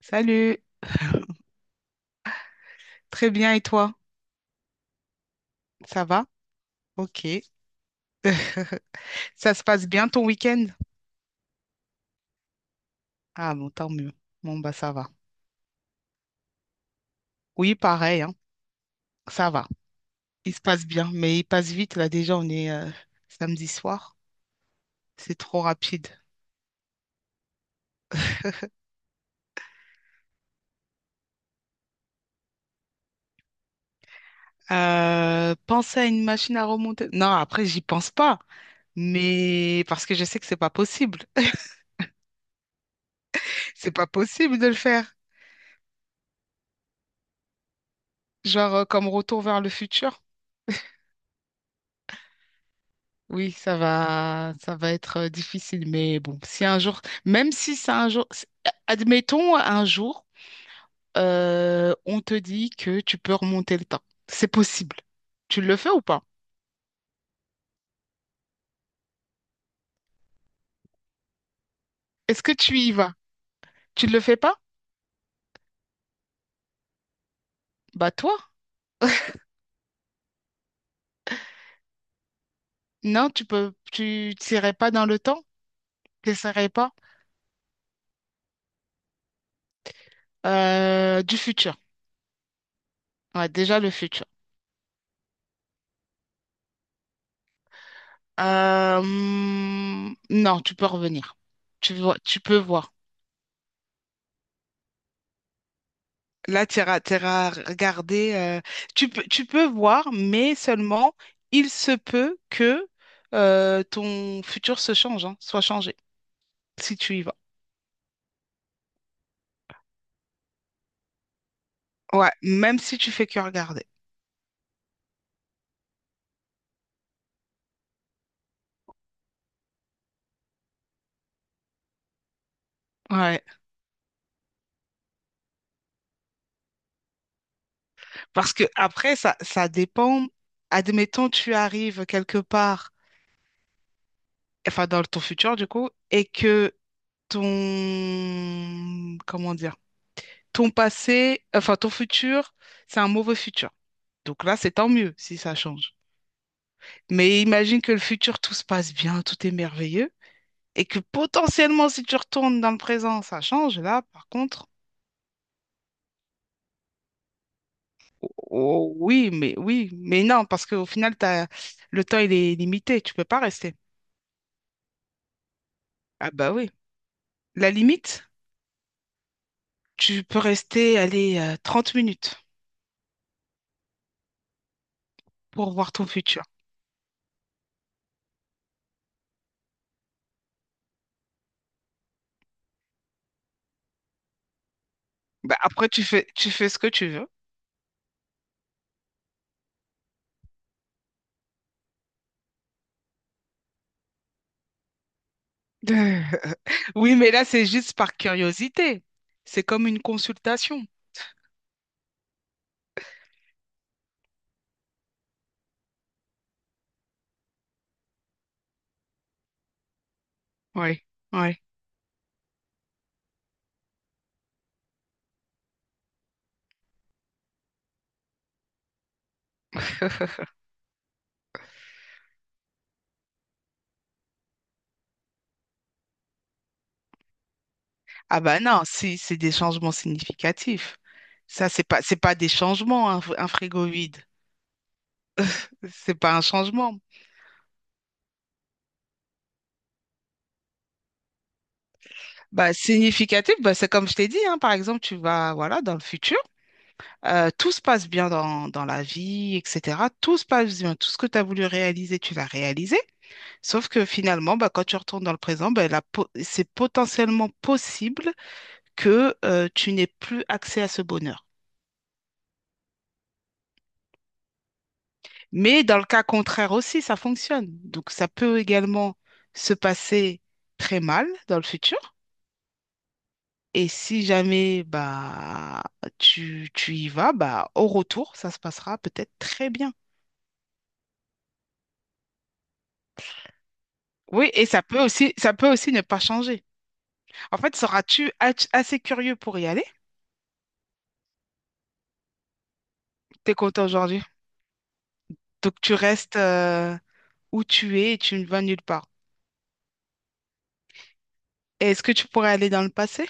Salut. Très bien, et toi? Ça va? Ok. Ça se passe bien ton week-end? Ah bon, tant mieux. Bon, bah ça va. Oui, pareil, hein. Ça va. Il se passe bien, mais il passe vite. Là, déjà, on est samedi soir. C'est trop rapide. Penser à une machine à remonter. Non, après, j'y pense pas. Mais parce que je sais que c'est pas possible. C'est pas possible de le faire. Genre, comme retour vers le futur. Oui, ça va être difficile, mais bon, si un jour, même si c'est un jour, admettons un jour, on te dit que tu peux remonter le temps. C'est possible. Tu le fais ou pas? Est-ce que tu y vas? Tu le fais pas? Bah toi, non, tu peux, tu t'irais pas dans le temps, t'essaierais pas. Du futur. Ouais, déjà le futur. Non, tu peux revenir. Tu vois, tu peux voir. Là, tu iras, tu regarder, tu peux voir, mais seulement il se peut que ton futur se change, hein, soit changé, si tu y vas. Ouais, même si tu fais que regarder. Ouais. Parce que après, ça dépend. Admettons, tu arrives quelque part, enfin dans ton futur du coup, et que ton, comment dire, ton passé, enfin ton futur, c'est un mauvais futur. Donc là, c'est tant mieux si ça change. Mais imagine que le futur, tout se passe bien, tout est merveilleux, et que potentiellement, si tu retournes dans le présent, ça change. Là, par contre, oh, oh, oui, mais non, parce qu'au final, t'as, le temps, il est limité, tu peux pas rester. Ah bah oui. La limite, tu peux rester, allez, 30 minutes pour voir ton futur. Bah après, tu fais ce que tu veux. Oui, mais là, c'est juste par curiosité. C'est comme une consultation. Oui, oui. Ah bah non, si, c'est des changements significatifs. Ça, c'est pas des changements, un frigo vide. C'est pas un changement. Bah, significatif, bah, c'est comme je t'ai dit, hein, par exemple, tu vas, voilà, dans le futur, tout se passe bien dans la vie, etc. Tout se passe bien, tout ce que tu as voulu réaliser, tu l'as réalisé. Sauf que finalement, bah, quand tu retournes dans le présent, bah, c'est potentiellement possible que tu n'aies plus accès à ce bonheur. Mais dans le cas contraire aussi, ça fonctionne. Donc, ça peut également se passer très mal dans le futur. Et si jamais bah, tu y vas, bah, au retour, ça se passera peut-être très bien. Oui, et ça peut aussi ne pas changer. En fait, seras-tu assez curieux pour y aller? T'es content aujourd'hui. Donc, tu restes où tu es et tu ne vas nulle part. Et est-ce que tu pourrais aller dans le passé?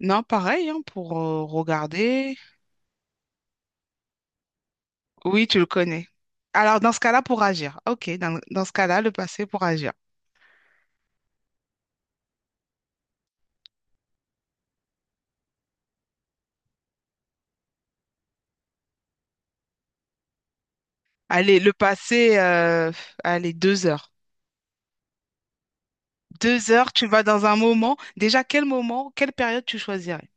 Non, pareil, hein, pour regarder. Oui, tu le connais. Alors, dans ce cas-là, pour agir. OK, dans ce cas-là, le passé pour agir. Allez, le passé, allez, 2 heures. 2 heures, tu vas dans un moment. Déjà, quel moment, quelle période tu choisirais?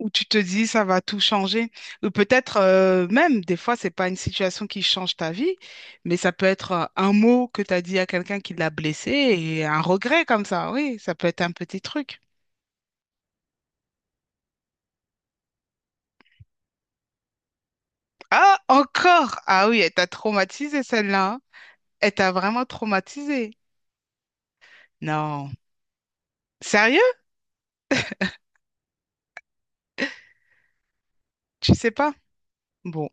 Où tu te dis, ça va tout changer. Ou peut-être même, des fois, c'est pas une situation qui change ta vie, mais ça peut être un mot que tu as dit à quelqu'un qui l'a blessé et un regret comme ça. Oui, ça peut être un petit truc. Ah, encore! Ah oui, elle t'a traumatisé celle-là, hein. Elle t'a vraiment traumatisé. Non. Sérieux? Tu sais pas? Bon.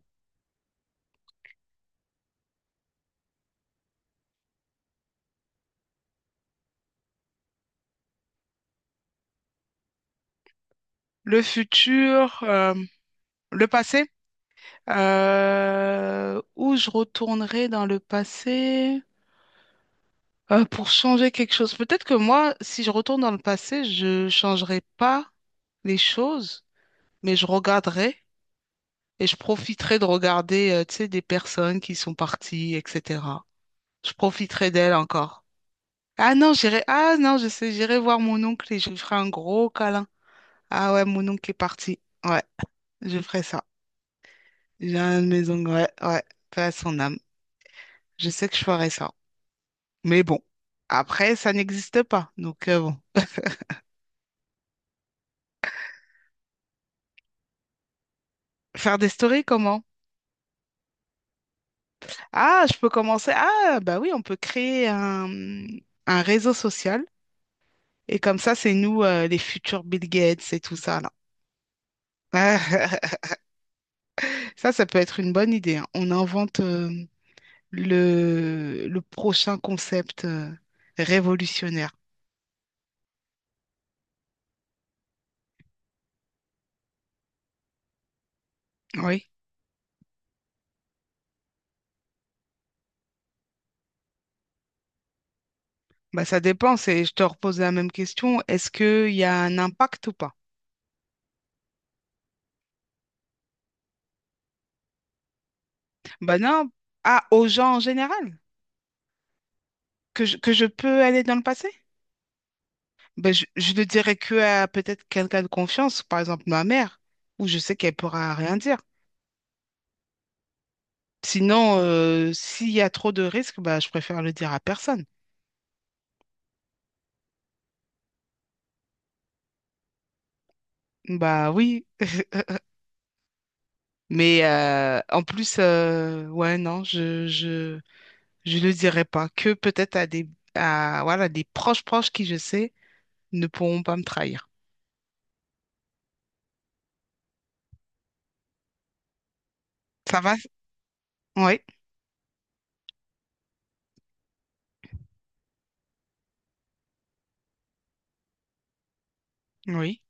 Le futur, le passé. Où je retournerai dans le passé pour changer quelque chose. Peut-être que moi, si je retourne dans le passé, je changerai pas les choses, mais je regarderai et je profiterai de regarder, tu sais, des personnes qui sont parties, etc. Je profiterai d'elles encore. Ah non, j'irai. Ah non, je sais, j'irai voir mon oncle et je lui ferai un gros câlin. Ah ouais, mon oncle est parti. Ouais, je ferai ça. J'ai un de mes oncles. Ouais, ouais, paix à son âme. Je sais que je ferai ça. Mais bon, après, ça n'existe pas. Donc bon. Faire des stories, comment? Ah, je peux commencer. Ah, bah oui, on peut créer un réseau social. Et comme ça, c'est nous, les futurs Bill Gates et tout ça, là. Ça peut être une bonne idée, hein. On invente, le prochain concept révolutionnaire? Oui, bah ça dépend. Je te repose la même question. Est-ce qu'il y a un impact ou pas? Bah non, ah, aux gens en général, que je peux aller dans le passé? Bah, je ne dirais que à peut-être quelqu'un de confiance, par exemple ma mère, où je sais qu'elle pourra rien dire. Sinon, s'il y a trop de risques, bah, je préfère le dire à personne. Bah oui, mais en plus, ouais, non, je ne le dirai pas. Que peut-être à des, à, voilà, des proches proches qui, je sais, ne pourront pas me trahir. Ça va? Oui, oui.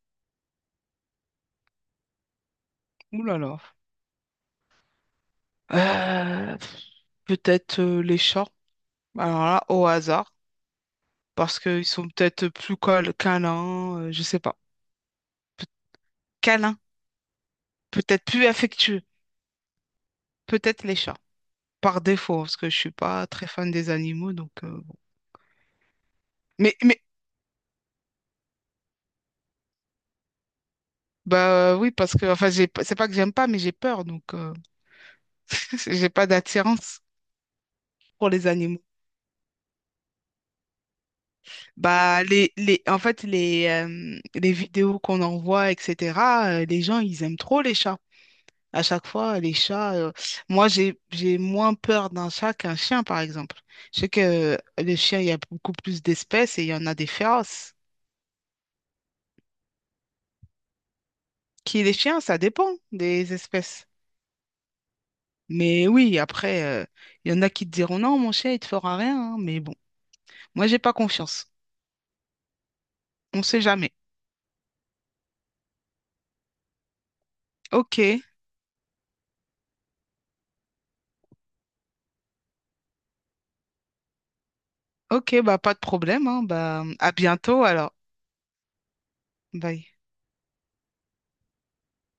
Ouh là là. Euh, Peut-être les chats. Alors là, au hasard. Parce qu'ils sont peut-être plus câlins, je sais pas. Pe- Câlins. Peut-être plus affectueux. Peut-être les chats. Par défaut, parce que je suis pas très fan des animaux, donc, bon. Mais, bah oui, parce que, enfin, j'ai, pas- c'est pas que j'aime pas, mais j'ai peur, donc. J'ai pas d'attirance pour les animaux. Bah, en fait, les vidéos qu'on envoie, etc., les gens, ils aiment trop les chats. À chaque fois, les chats, moi, j'ai moins peur d'un chat qu'un chien, par exemple. Je sais que les chiens, il y a beaucoup plus d'espèces et il y en a des féroces. Qui les chiens, ça dépend des espèces. Mais oui, après, il y en a qui te diront non, mon chien, il te fera rien, hein. Mais bon, moi, j'ai pas confiance. On sait jamais. Ok, ok, bah, pas de problème, hein. Bah, à bientôt alors. Bye.